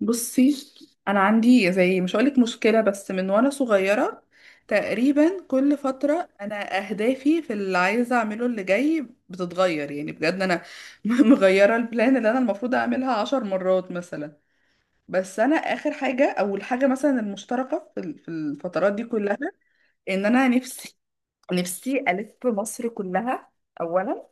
بصي، انا عندي زي مش هقولك مشكله، بس من وانا صغيره تقريبا كل فتره انا اهدافي في اللي عايزه اعمله اللي جاي بتتغير. يعني بجد انا مغيره البلان اللي انا المفروض اعملها 10 مرات مثلا. بس انا اخر حاجه او الحاجه مثلا المشتركه في في الفترات دي كلها ان انا نفسي الف مصر كلها اولا.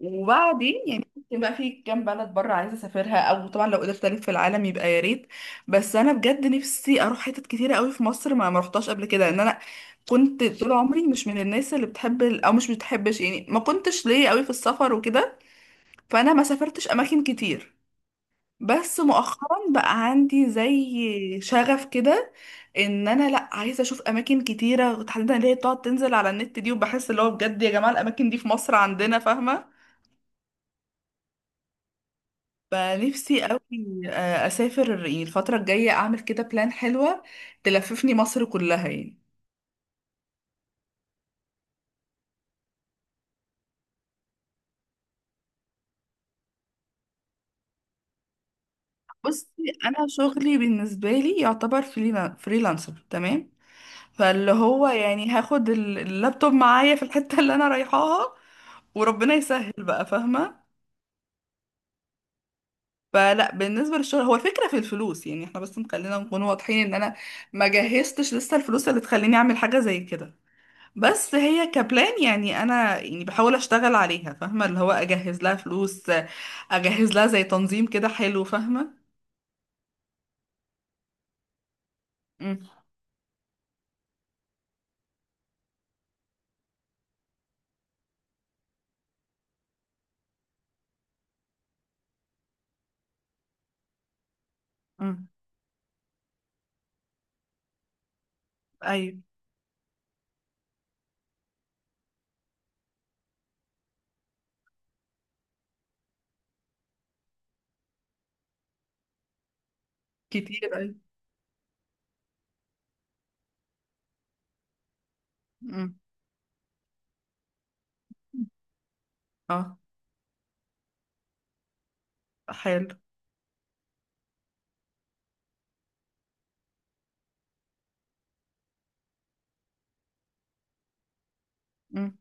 وبعدين يعني ممكن بقى في كام بلد بره عايزه اسافرها، او طبعا لو قدرت الف في العالم يبقى يا ريت. بس انا بجد نفسي اروح حتت كتيره قوي في مصر ما رحتهاش قبل كده. ان انا كنت طول عمري مش من الناس اللي بتحب او مش بتحبش يعني، ما كنتش ليا قوي في السفر وكده. فانا ما سافرتش اماكن كتير. بس مؤخرا بقى عندي زي شغف كده ان انا لا عايزه اشوف اماكن كتيره، تحديدا اللي هي بتقعد تنزل على النت دي، وبحس اللي هو بجد يا جماعه الاماكن دي في مصر عندنا، فاهمه؟ فنفسي قوي اسافر يعني الفتره الجايه اعمل كده بلان حلوه تلففني مصر كلها يعني. بصي، انا شغلي بالنسبه لي يعتبر فريلانسر، تمام؟ فاللي هو يعني هاخد اللابتوب معايا في الحته اللي انا رايحاها، وربنا يسهل بقى، فاهمه؟ فلا، بالنسبه للشغل هو، الفكره في الفلوس، يعني احنا بس خلينا نكون واضحين ان انا ما جهزتش لسه الفلوس اللي تخليني اعمل حاجه زي كده. بس هي كبلان يعني انا يعني بحاول اشتغل عليها، فاهمه؟ اللي هو اجهز لها فلوس، اجهز لها زي تنظيم كده حلو، فاهمه؟ مم. مم. ايوه، كتير ايوه. مم. اه. حلو. مم.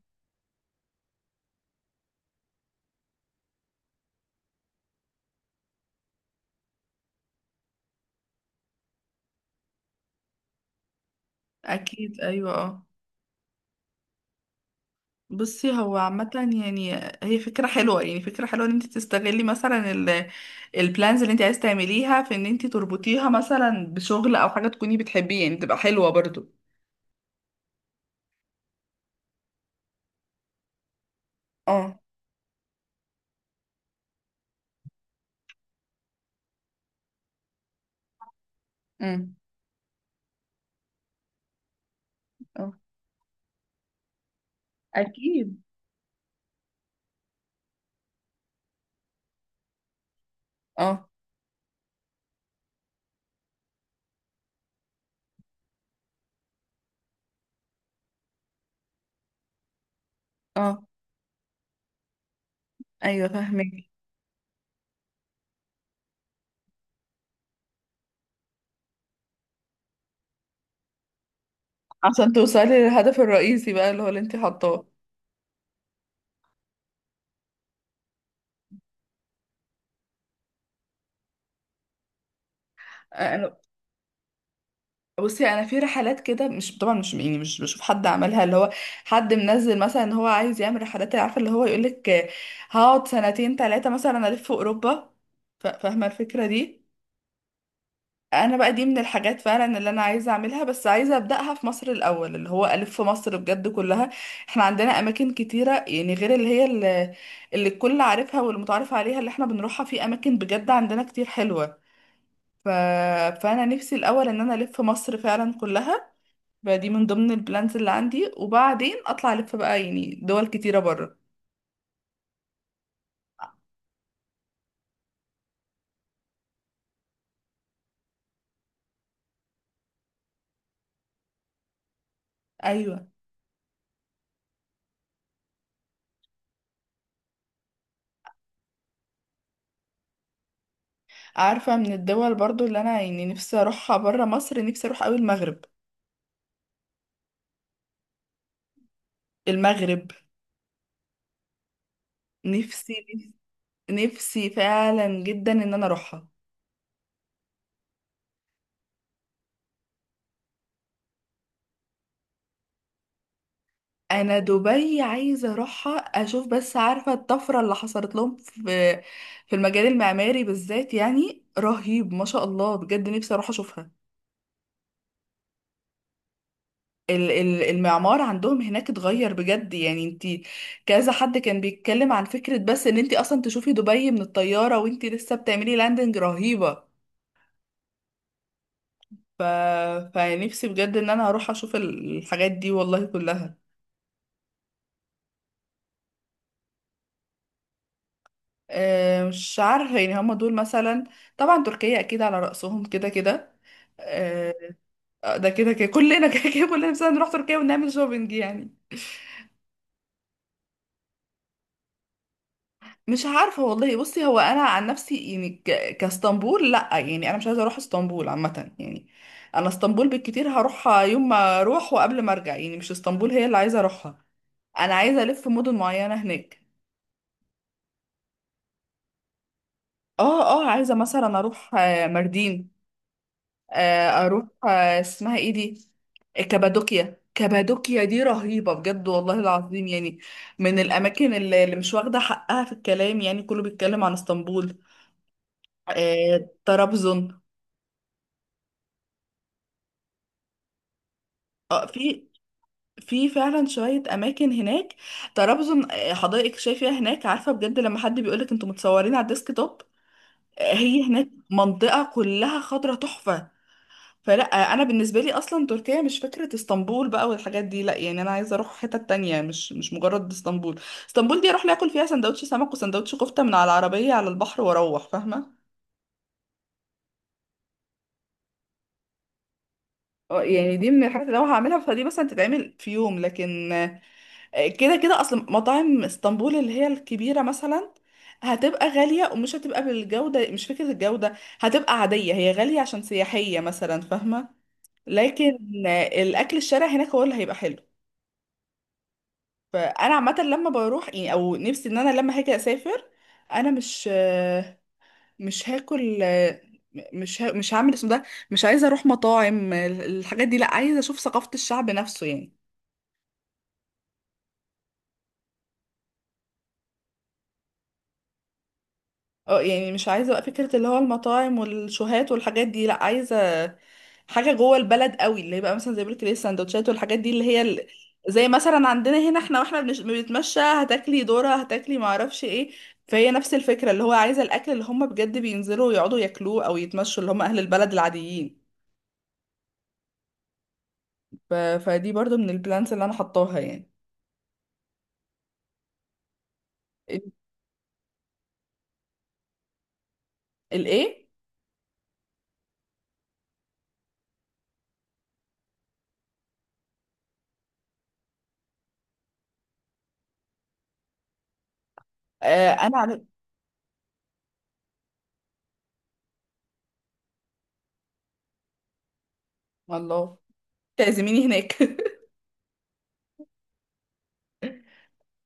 اكيد ايوه، اه. بصي هو عامة، يعني هي فكرة حلوة، يعني فكرة حلوة ان انت تستغلي مثلا ال البلانز اللي انت عايز تعمليها في ان انت تربطيها مثلا بشغل او حاجة تكوني بتحبيه، يعني تبقى حلوة برضو. اه. مم. اه. اكيد. اه. اه، ايوه فاهمك. عشان توصلي للهدف الرئيسي بقى، اللي هو اللي انت حاطاه. انا، بصي انا في رحلات كده، مش طبعا مش يعني مش بشوف حد عملها، اللي هو حد منزل مثلا ان هو عايز يعمل رحلات، عارفه اللي هو يقولك هقعد 2 3 سنين مثلا الف في اوروبا، فاهمه الفكره دي؟ انا بقى دي من الحاجات فعلا اللي انا عايزه اعملها، بس عايزه ابداها في مصر الاول اللي هو الف في مصر بجد كلها. احنا عندنا اماكن كتيره يعني غير اللي هي اللي الكل عارفها والمتعارف عليها اللي احنا بنروحها، في اماكن بجد عندنا كتير حلوه. ف... فانا نفسي الاول ان انا الف مصر فعلا كلها. فدي من ضمن البلانز اللي عندي، وبعدين اطلع الف بقى يعني دول كتيره بره. ايوه، عارفه من الدول برضو اللي انا يعني نفسي اروحها بره مصر، نفسي اروح قوي المغرب. المغرب. نفسي نفسي فعلا جدا ان انا اروحها. انا دبي عايزه اروحها اشوف، بس عارفه الطفره اللي حصلت لهم في في المجال المعماري بالذات، يعني رهيب ما شاء الله، بجد نفسي اروح اشوفها. المعمار عندهم هناك اتغير بجد، يعني انتي، كذا حد كان بيتكلم عن فكره بس ان انتي اصلا تشوفي دبي من الطياره وانتي لسه بتعملي لاندنج رهيبه. ف... فنفسي بجد ان انا اروح اشوف الحاجات دي والله كلها. مش عارفة يعني هما دول مثلا. طبعا تركيا أكيد على رأسهم كده كده. آه، ده كده كده، كلنا كده كده كلنا مثلا نروح تركيا ونعمل شوبينج يعني. مش عارفة والله. بصي هو أنا عن نفسي يعني كاسطنبول لأ، يعني أنا مش عايزة أروح اسطنبول عامة يعني. أنا اسطنبول بالكتير هروحها يوم ما أروح وقبل ما أرجع، يعني مش اسطنبول هي اللي عايزة أروحها. أنا عايزة ألف مدن معينة هناك. اه عايزة مثلا أروح ماردين، اروح اسمها ايه دي، كابادوكيا. كابادوكيا دي رهيبة بجد والله العظيم، يعني من الأماكن اللي مش واخدة حقها في الكلام، يعني كله بيتكلم عن اسطنبول. طرابزون. في فعلا شوية أماكن هناك. طرابزون، حدائق شايفها هناك عارفة، بجد لما حد بيقولك انتوا متصورين على الديسك توب. هي هناك منطقة كلها خضرة تحفة. فلا، انا بالنسبه لي اصلا تركيا مش فكره اسطنبول بقى والحاجات دي، لا، يعني انا عايزه اروح حته تانية، مش مجرد اسطنبول. اسطنبول دي اروح لي اكل فيها سندوتش سمك وسندوتش كفته من على العربيه على البحر واروح، فاهمه؟ اه يعني دي من الحاجات اللي لو هعملها فدي مثلا تتعمل في يوم. لكن كده كده اصلا مطاعم اسطنبول اللي هي الكبيره مثلا هتبقى غاليه، ومش هتبقى بالجوده، مش فكره الجوده، هتبقى عاديه، هي غاليه عشان سياحيه مثلا، فاهمه؟ لكن الاكل الشارع هناك هو اللي هيبقى حلو. فانا عامه لما بروح يعني، او نفسي ان انا لما هاجي اسافر، انا مش هاكل، مش هعمل اسم ده، مش عايزه اروح مطاعم الحاجات دي، لا، عايزه اشوف ثقافه الشعب نفسه يعني. اه يعني مش عايزة بقى فكرة اللي هو المطاعم والشوهات والحاجات دي، لا، عايزة حاجة جوه البلد قوي اللي هي بقى مثلا زي ما بقولك، السندوتشات والحاجات دي اللي هي زي مثلا عندنا هنا احنا، واحنا بنتمشى هتاكلي ذرة هتاكلي معرفش ايه. فهي نفس الفكرة، اللي هو عايزة الأكل اللي هم بجد بينزلوا يقعدوا ياكلوه أو يتمشوا، اللي هم أهل البلد العاديين. فدي برضو من البلانس اللي أنا حطاها يعني. ال- الإيه؟ أنا على الله تعزميني هناك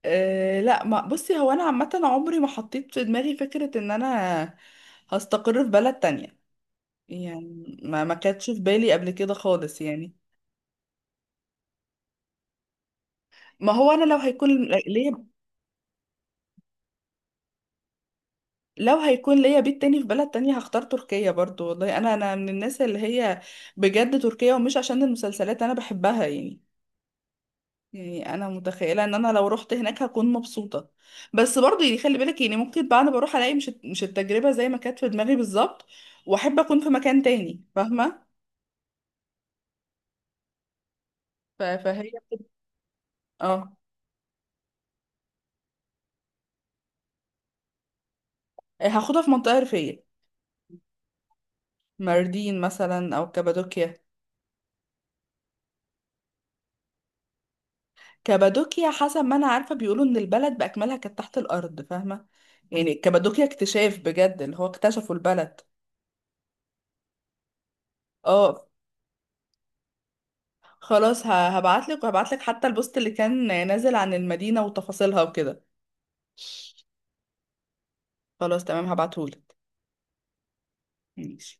أه لا، ما بصي، هو انا عامه عمري ما حطيت في دماغي فكره ان انا هستقر في بلد تانية، يعني ما كانتش في بالي قبل كده خالص يعني. ما هو انا ليا لو هيكون ليا بيت تاني في بلد تانية هختار تركيا برضو والله. انا من الناس اللي هي بجد تركيا، ومش عشان المسلسلات انا بحبها يعني، يعني انا متخيله ان انا لو رحت هناك هكون مبسوطه. بس برضه يعني خلي بالك يعني ممكن بقى انا بروح الاقي مش التجربه زي ما كانت في دماغي بالظبط، واحب اكون في مكان تاني، فاهمه؟ ف- فهي بتبقى- اه، هاخدها في منطقه ريفيه، ماردين مثلا او كابادوكيا. كابادوكيا حسب ما انا عارفه بيقولوا ان البلد باكملها كانت تحت الارض، فاهمه؟ يعني كابادوكيا اكتشاف بجد اللي هو اكتشفوا البلد. اه. خلاص، هبعت لك، وهبعت لك حتى البوست اللي كان نازل عن المدينه وتفاصيلها وكده. خلاص تمام، هبعتهولك. ماشي.